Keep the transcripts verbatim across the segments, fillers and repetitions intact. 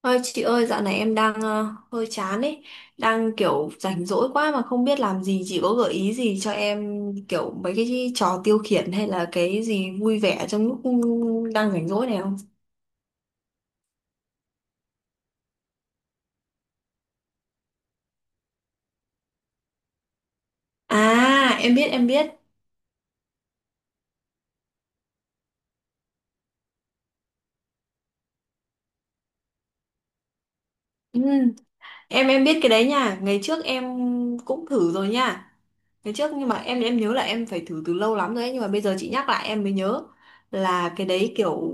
Ơi chị ơi, dạo này em đang ờ, hơi chán ấy, đang kiểu rảnh rỗi quá mà không biết làm gì, chị có gợi ý gì cho em kiểu mấy cái trò tiêu khiển hay là cái gì vui vẻ trong lúc đang rảnh rỗi này không? À, em biết em biết. Ừ, em em biết cái đấy nha, ngày trước em cũng thử rồi nha. Ngày trước nhưng mà em em nhớ là em phải thử từ lâu lắm rồi ấy, nhưng mà bây giờ chị nhắc lại em mới nhớ là cái đấy kiểu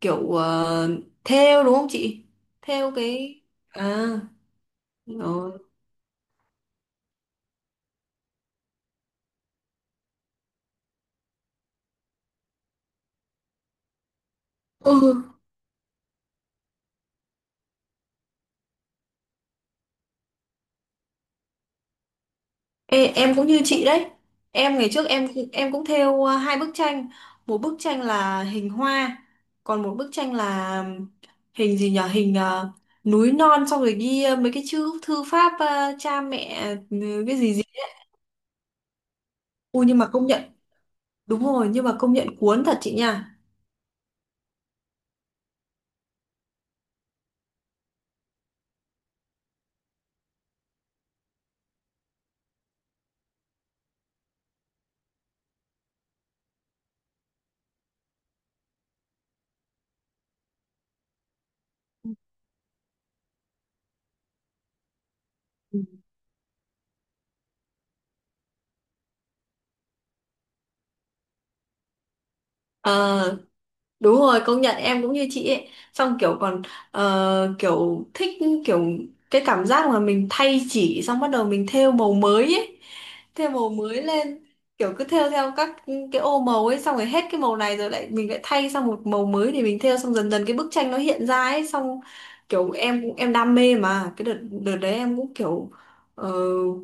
kiểu ờ, thêu đúng không chị? Thêu cái à. Ừ. Ừ, ê, em cũng như chị đấy. Em ngày trước em em cũng thêu à, hai bức tranh, một bức tranh là hình hoa, còn một bức tranh là hình gì nhở. Hình à, núi non xong rồi ghi à, mấy cái chữ thư pháp à, cha mẹ ừ, cái gì gì. Ui nhưng mà công nhận, đúng rồi, nhưng mà công nhận cuốn thật chị nha. Ừ. Đúng rồi, công nhận em cũng như chị ấy. Xong kiểu còn ờ, kiểu thích kiểu cái cảm giác mà mình thay chỉ xong bắt đầu mình thêu màu mới ấy. Thêu màu mới lên kiểu cứ thêu theo các cái ô màu ấy xong rồi hết cái màu này rồi lại mình lại thay sang một màu mới để mình thêu xong dần dần cái bức tranh nó hiện ra ấy xong kiểu em cũng em đam mê mà cái đợt đợt đấy em cũng kiểu ờ,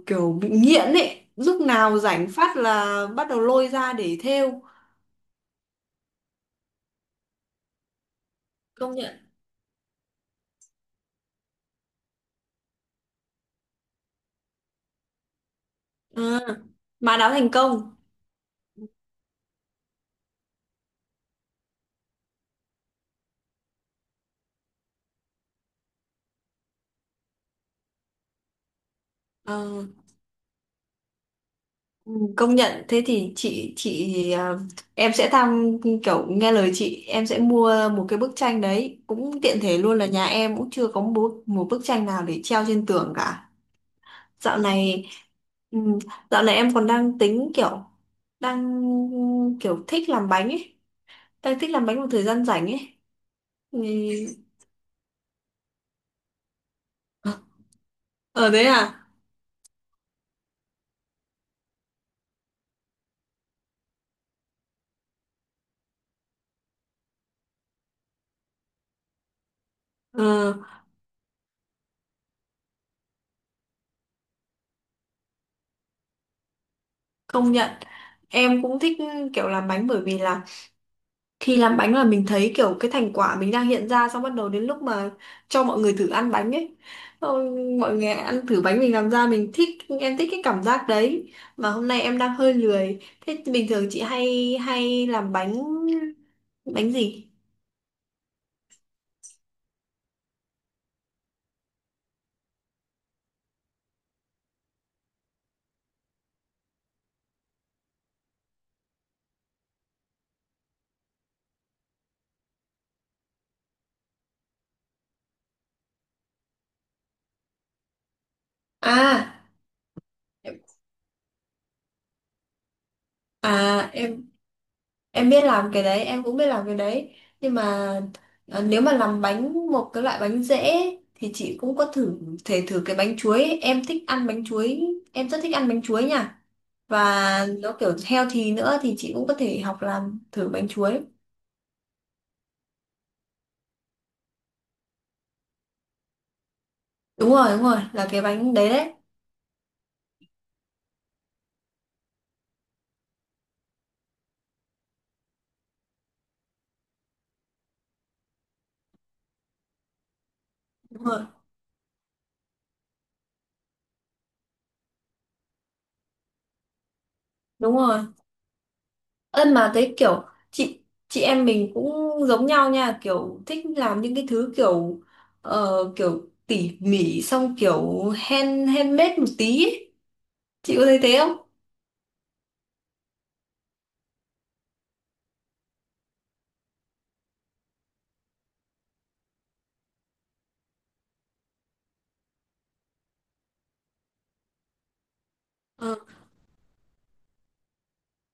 kiểu bị nghiện ấy. Lúc nào rảnh phát là bắt đầu lôi ra để thêu. Công nhận. À, mà đáo thành công. Ờ, ừ, công nhận thế thì chị chị à, em sẽ tham kiểu nghe lời chị em sẽ mua một cái bức tranh đấy cũng tiện thể luôn là nhà em cũng chưa có một, một bức tranh nào để treo trên tường cả. Dạo này ừ, dạo này em còn đang tính kiểu đang kiểu thích làm bánh ấy đang thích làm bánh một thời gian rảnh ấy. Thì- ờ thế à. ờ, Công nhận em cũng thích kiểu làm bánh bởi vì là thì làm bánh là mình thấy kiểu cái thành quả mình đang hiện ra xong bắt đầu đến lúc mà cho mọi người thử ăn bánh ấy. Ôi, mọi người ăn thử bánh mình làm ra mình thích, em thích cái cảm giác đấy mà hôm nay em đang hơi lười. Thế bình thường chị hay hay làm bánh bánh gì? À à em em biết làm cái đấy, em cũng biết làm cái đấy. Nhưng mà ờ, nếu mà làm bánh một cái loại bánh dễ ấy, thì chị cũng có thử thể thử cái bánh chuối ấy. Em thích ăn bánh chuối, em rất thích ăn bánh chuối nha. Và nó kiểu healthy nữa thì chị cũng có thể học làm thử bánh chuối. Đúng rồi đúng rồi là cái bánh đấy đấy. Đúng rồi đúng rồi ân mà thấy kiểu chị chị em mình cũng giống nhau nha kiểu thích làm những cái thứ kiểu ờ, kiểu tỉ mỉ xong kiểu hand handmade một tí ấy. Chị có thấy thế không? Ờ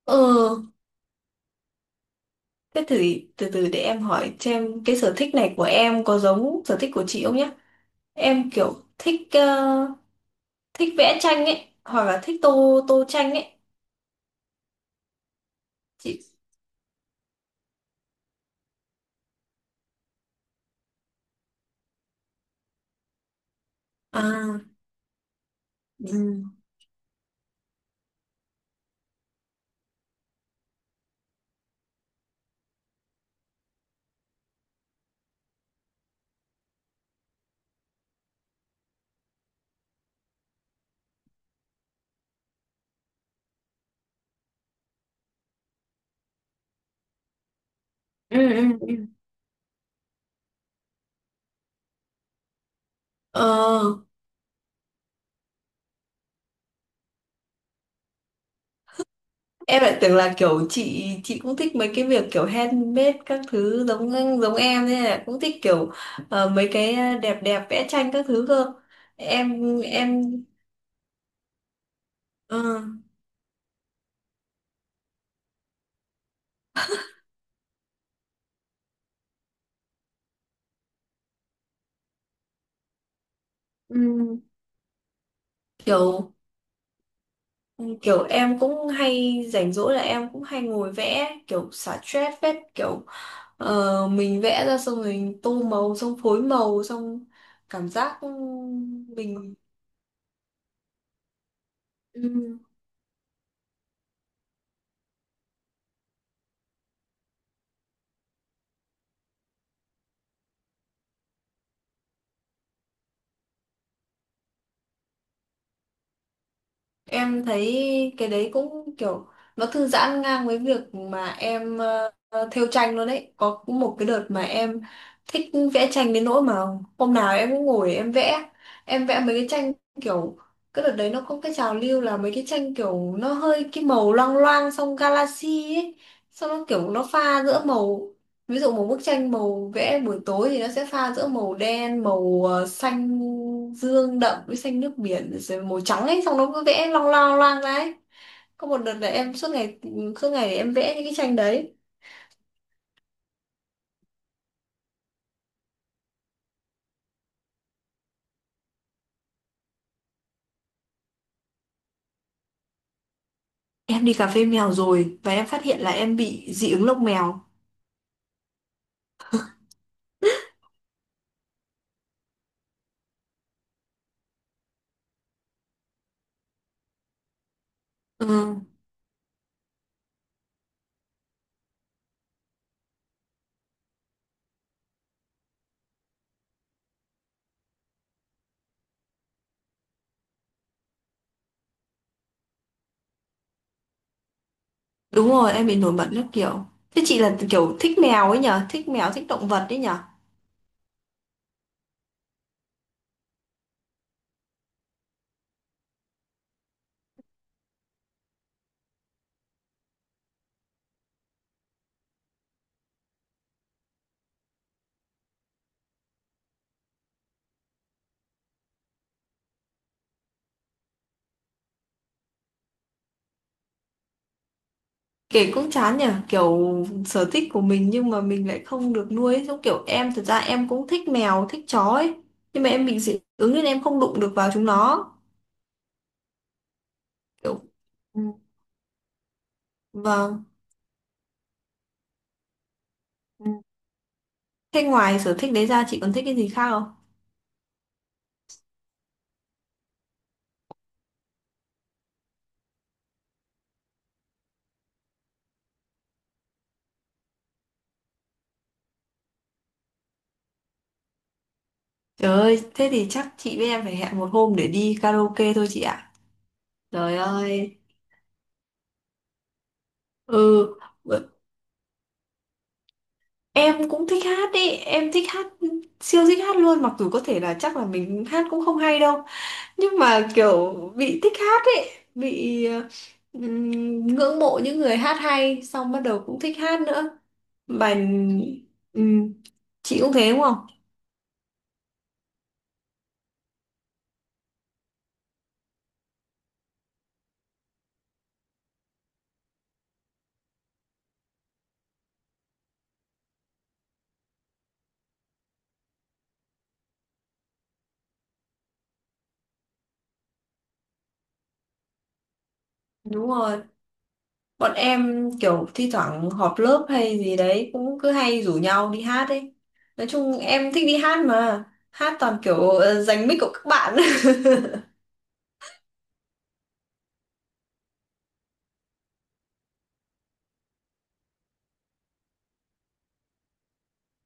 ờ thế thử từ từ để em hỏi xem cái sở thích này của em có giống sở thích của chị không nhé. Em kiểu thích ờ, thích vẽ tranh ấy hoặc là thích tô tô tranh ấy chị à. Ừ ừ ừ. Ừ. ờ em lại tưởng là kiểu chị chị cũng thích mấy cái việc kiểu handmade các thứ giống giống em nên là cũng thích kiểu ờ, mấy cái đẹp đẹp vẽ tranh các thứ cơ. em em ờ, ừ. Kiểu ừ, kiểu em cũng hay rảnh rỗi là em cũng hay ngồi vẽ kiểu xả stress phết kiểu ờ, mình vẽ ra xong rồi tô màu xong phối màu xong cảm giác mình ừ. Em thấy cái đấy cũng kiểu nó thư giãn ngang với việc mà em uh, thêu tranh luôn đấy. Có một cái đợt mà em thích vẽ tranh đến nỗi mà hôm nào em cũng ngồi em vẽ. Em vẽ mấy cái tranh kiểu cái đợt đấy nó có cái trào lưu là mấy cái tranh kiểu nó hơi cái màu loang loang xong galaxy ấy. Xong nó kiểu nó pha giữa màu ví dụ một bức tranh màu vẽ buổi tối thì nó sẽ pha giữa màu đen màu ờ, xanh dương đậm với xanh nước biển rồi màu trắng ấy xong nó cứ vẽ long loang loang ra ấy. Có một đợt là em suốt ngày suốt ngày em vẽ những cái tranh đấy. Em đi cà phê mèo rồi và em phát hiện là em bị dị ứng lông mèo. Ừ đúng rồi em bị nổi mẩn các kiểu. Thế chị là kiểu thích mèo ấy nhở, thích mèo thích động vật ấy nhở. Kể cũng chán nhỉ, kiểu sở thích của mình nhưng mà mình lại không được nuôi ấy. Giống kiểu em thật ra em cũng thích mèo, thích chó ấy. Nhưng mà em bị dị ứng nên em không đụng được vào chúng nó. Kiểu. Ừ. Vâng. Ừ. Thế ngoài sở thích đấy ra chị còn thích cái gì khác không? Trời ơi, thế thì chắc chị với em phải hẹn một hôm để đi karaoke thôi chị ạ. Trời ơi. Ừ, em cũng thích hát ý, em thích hát siêu thích hát luôn mặc dù có thể là chắc là mình hát cũng không hay đâu nhưng mà kiểu bị thích hát ấy bị ờ, ừm, ngưỡng mộ những người hát hay xong bắt đầu cũng thích hát nữa bài ừm, chị cũng thế đúng không? Đúng rồi bọn em kiểu thi thoảng họp lớp hay gì đấy cũng cứ hay rủ nhau đi hát ấy, nói chung em thích đi hát mà hát toàn kiểu ờ, giành mic của các bạn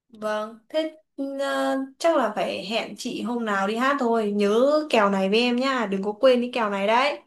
Vâng, thế ờ, chắc là phải hẹn chị hôm nào đi hát thôi. Nhớ kèo này với em nhá, đừng có quên cái kèo này đấy.